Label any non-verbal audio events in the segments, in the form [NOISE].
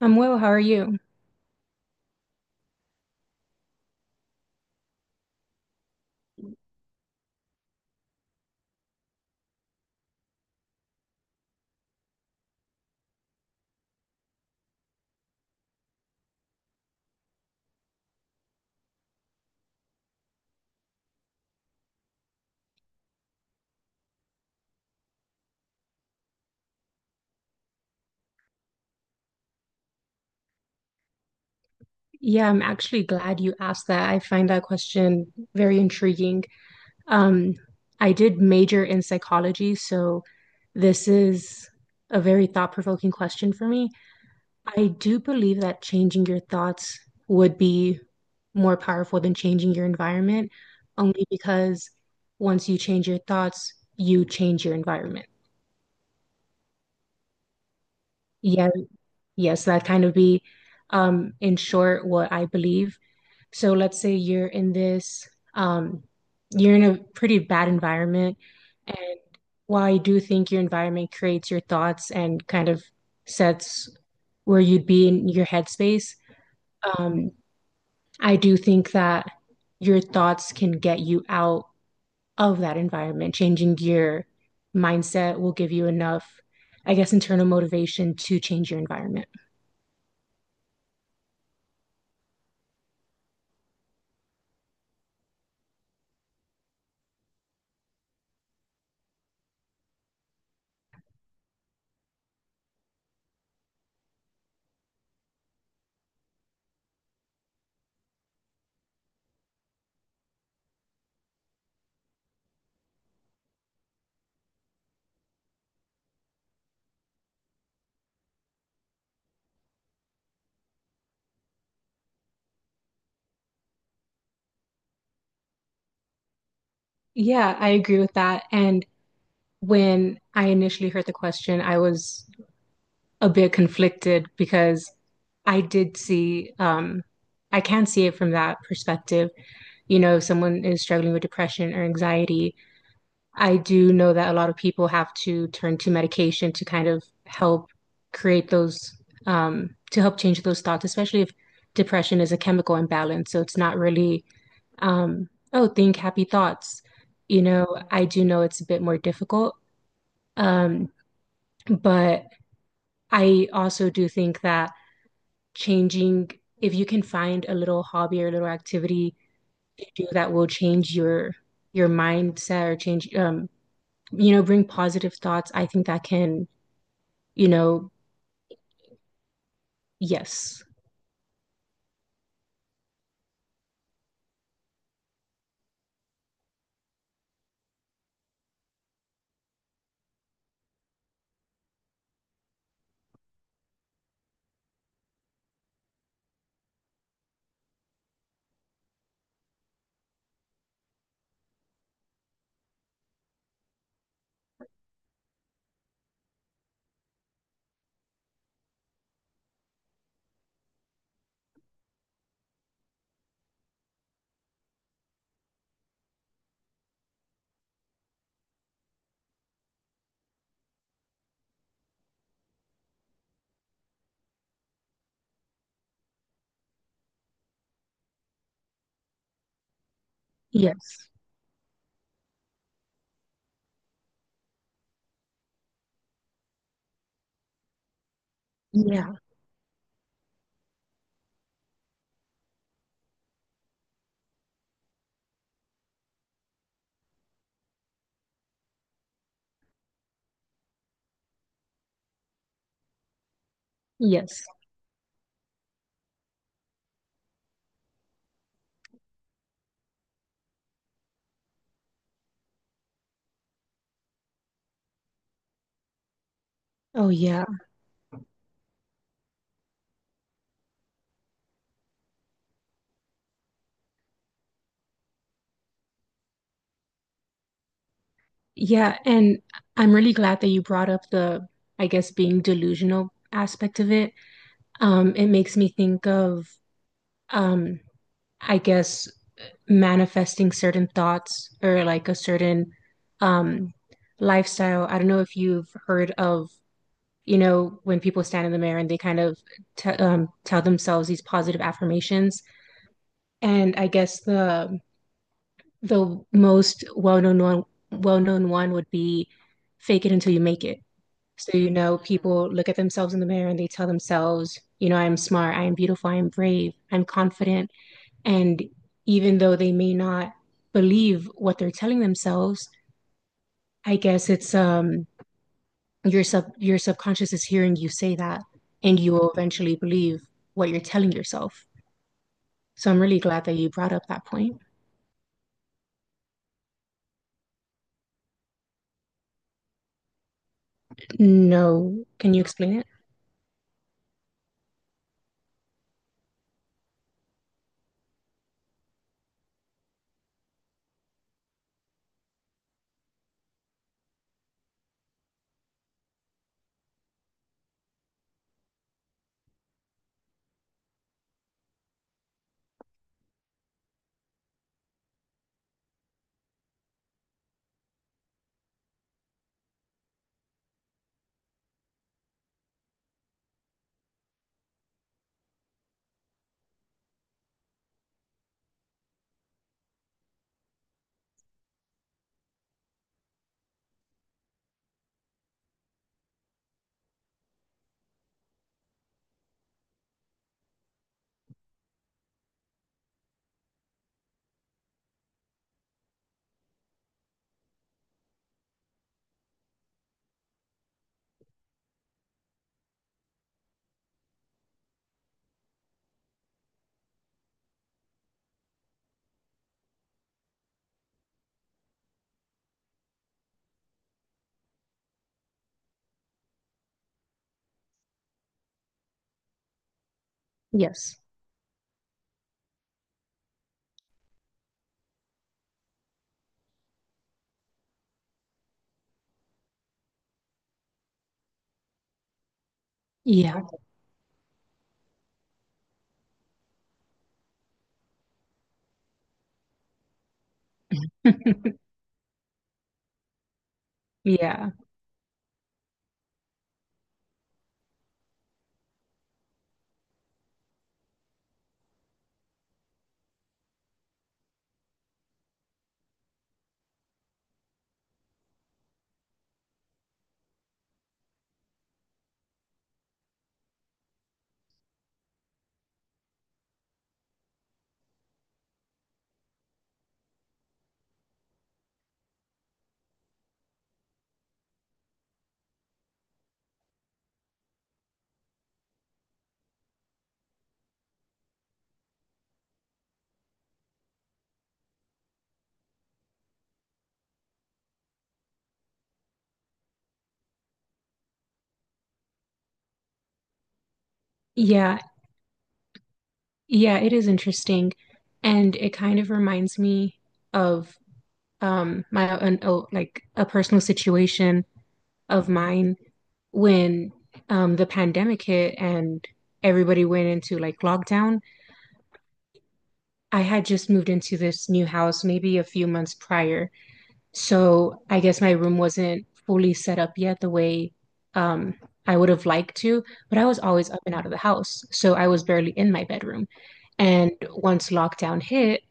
I'm well, how are you? Yeah, I'm actually glad you asked that. I find that question very intriguing. Um, I did major in psychology, so this is a very thought-provoking question for me. I do believe that changing your thoughts would be more powerful than changing your environment, only because once you change your thoughts, you change your environment. Yeah, yes, that kind of be in short what I believe. So let's say you're in um, you're in a pretty bad environment. And while I do think your environment creates your thoughts and kind of sets where you'd be in your headspace, um, I do think that your thoughts can get you out of that environment, changing your mindset will give you enough, I guess, internal motivation to change your environment. Yeah, I agree with that. And when I initially heard the question, I was a bit conflicted because I did see, I can see it from that perspective. You know, if someone is struggling with depression or anxiety, I do know that a lot of people have to turn to medication to kind of help create those, to help change those thoughts, especially if depression is a chemical imbalance. So it's not really, oh, think happy thoughts. You know, I do know it's a bit more difficult. Um, but I also do think that changing if you can find a little hobby or a little activity to do that will change your mindset or change you know bring positive thoughts I think that can you know yes, yes, yeah, yes, oh yeah. Yeah, and I'm really glad that you brought up the I guess being delusional aspect of it. It makes me think of um I guess, manifesting certain thoughts or like a certain um lifestyle. I don't know if you've heard of, you know, when people stand in the mirror and they kind of t tell themselves these positive affirmations. And I guess the most well-known one would be fake it until you make it. So, you know, people look at themselves in the mirror and they tell themselves, you know, I'm smart, I'm beautiful, I'm brave, I'm confident, and even though they may not believe what they're telling themselves, I guess it's, your sub your subconscious is hearing you say that and you will eventually believe what you're telling yourself. So I'm really glad that you brought up that point. No, can you explain it? Yes. Yeah. [LAUGHS] Yeah. Yeah. Yeah, it is interesting. And it kind of reminds me of like a personal situation of mine when the pandemic hit and everybody went into like lockdown. I had just moved into this new house maybe a few months prior. So I guess my room wasn't fully set up yet the way um, I would have liked to, but I was always up and out of the house. So I was barely in my bedroom. And once lockdown hit,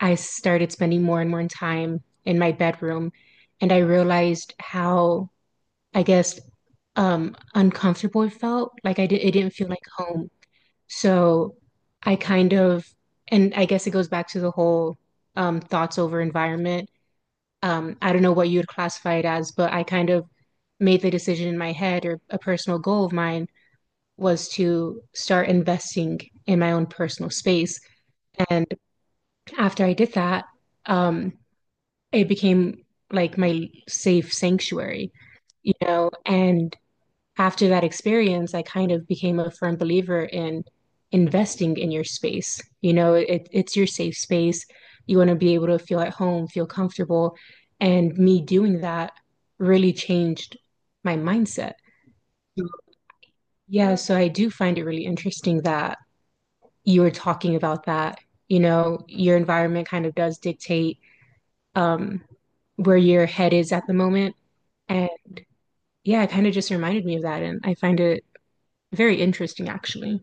I started spending more and more time in my bedroom. And I realized how, I guess, uncomfortable it felt. It didn't feel like home. So I kind and I guess it goes back to the whole thoughts over environment. I don't know what you'd classify it as, but I kind of made the decision in my head or a personal goal of mine was to start investing in my own personal space. And after I did that, um, it became like my safe sanctuary, you know, and after that experience, I kind of became a firm believer in investing in your space. It's your safe space. You want to be able to feel at home, feel comfortable. And me doing that really changed my mindset. Yeah, so I do find it really interesting that you were talking about that. You know, your environment kind of does dictate um, where your head is at the moment. And yeah, it kind of just reminded me of that. And I find it very interesting, actually.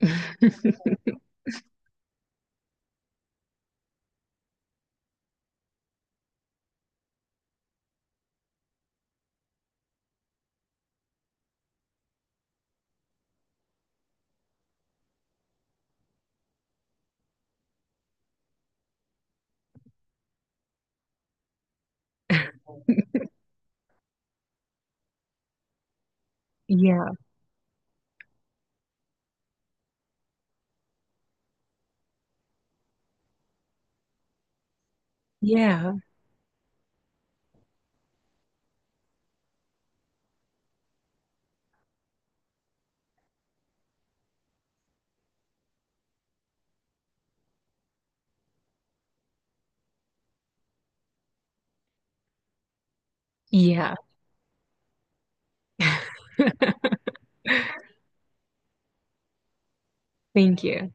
[LAUGHS] Yeah, yeah, yeah. [LAUGHS] Thank you.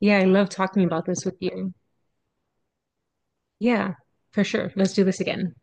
Yeah, I love talking about this with you. Yeah, for sure. Let's do this again.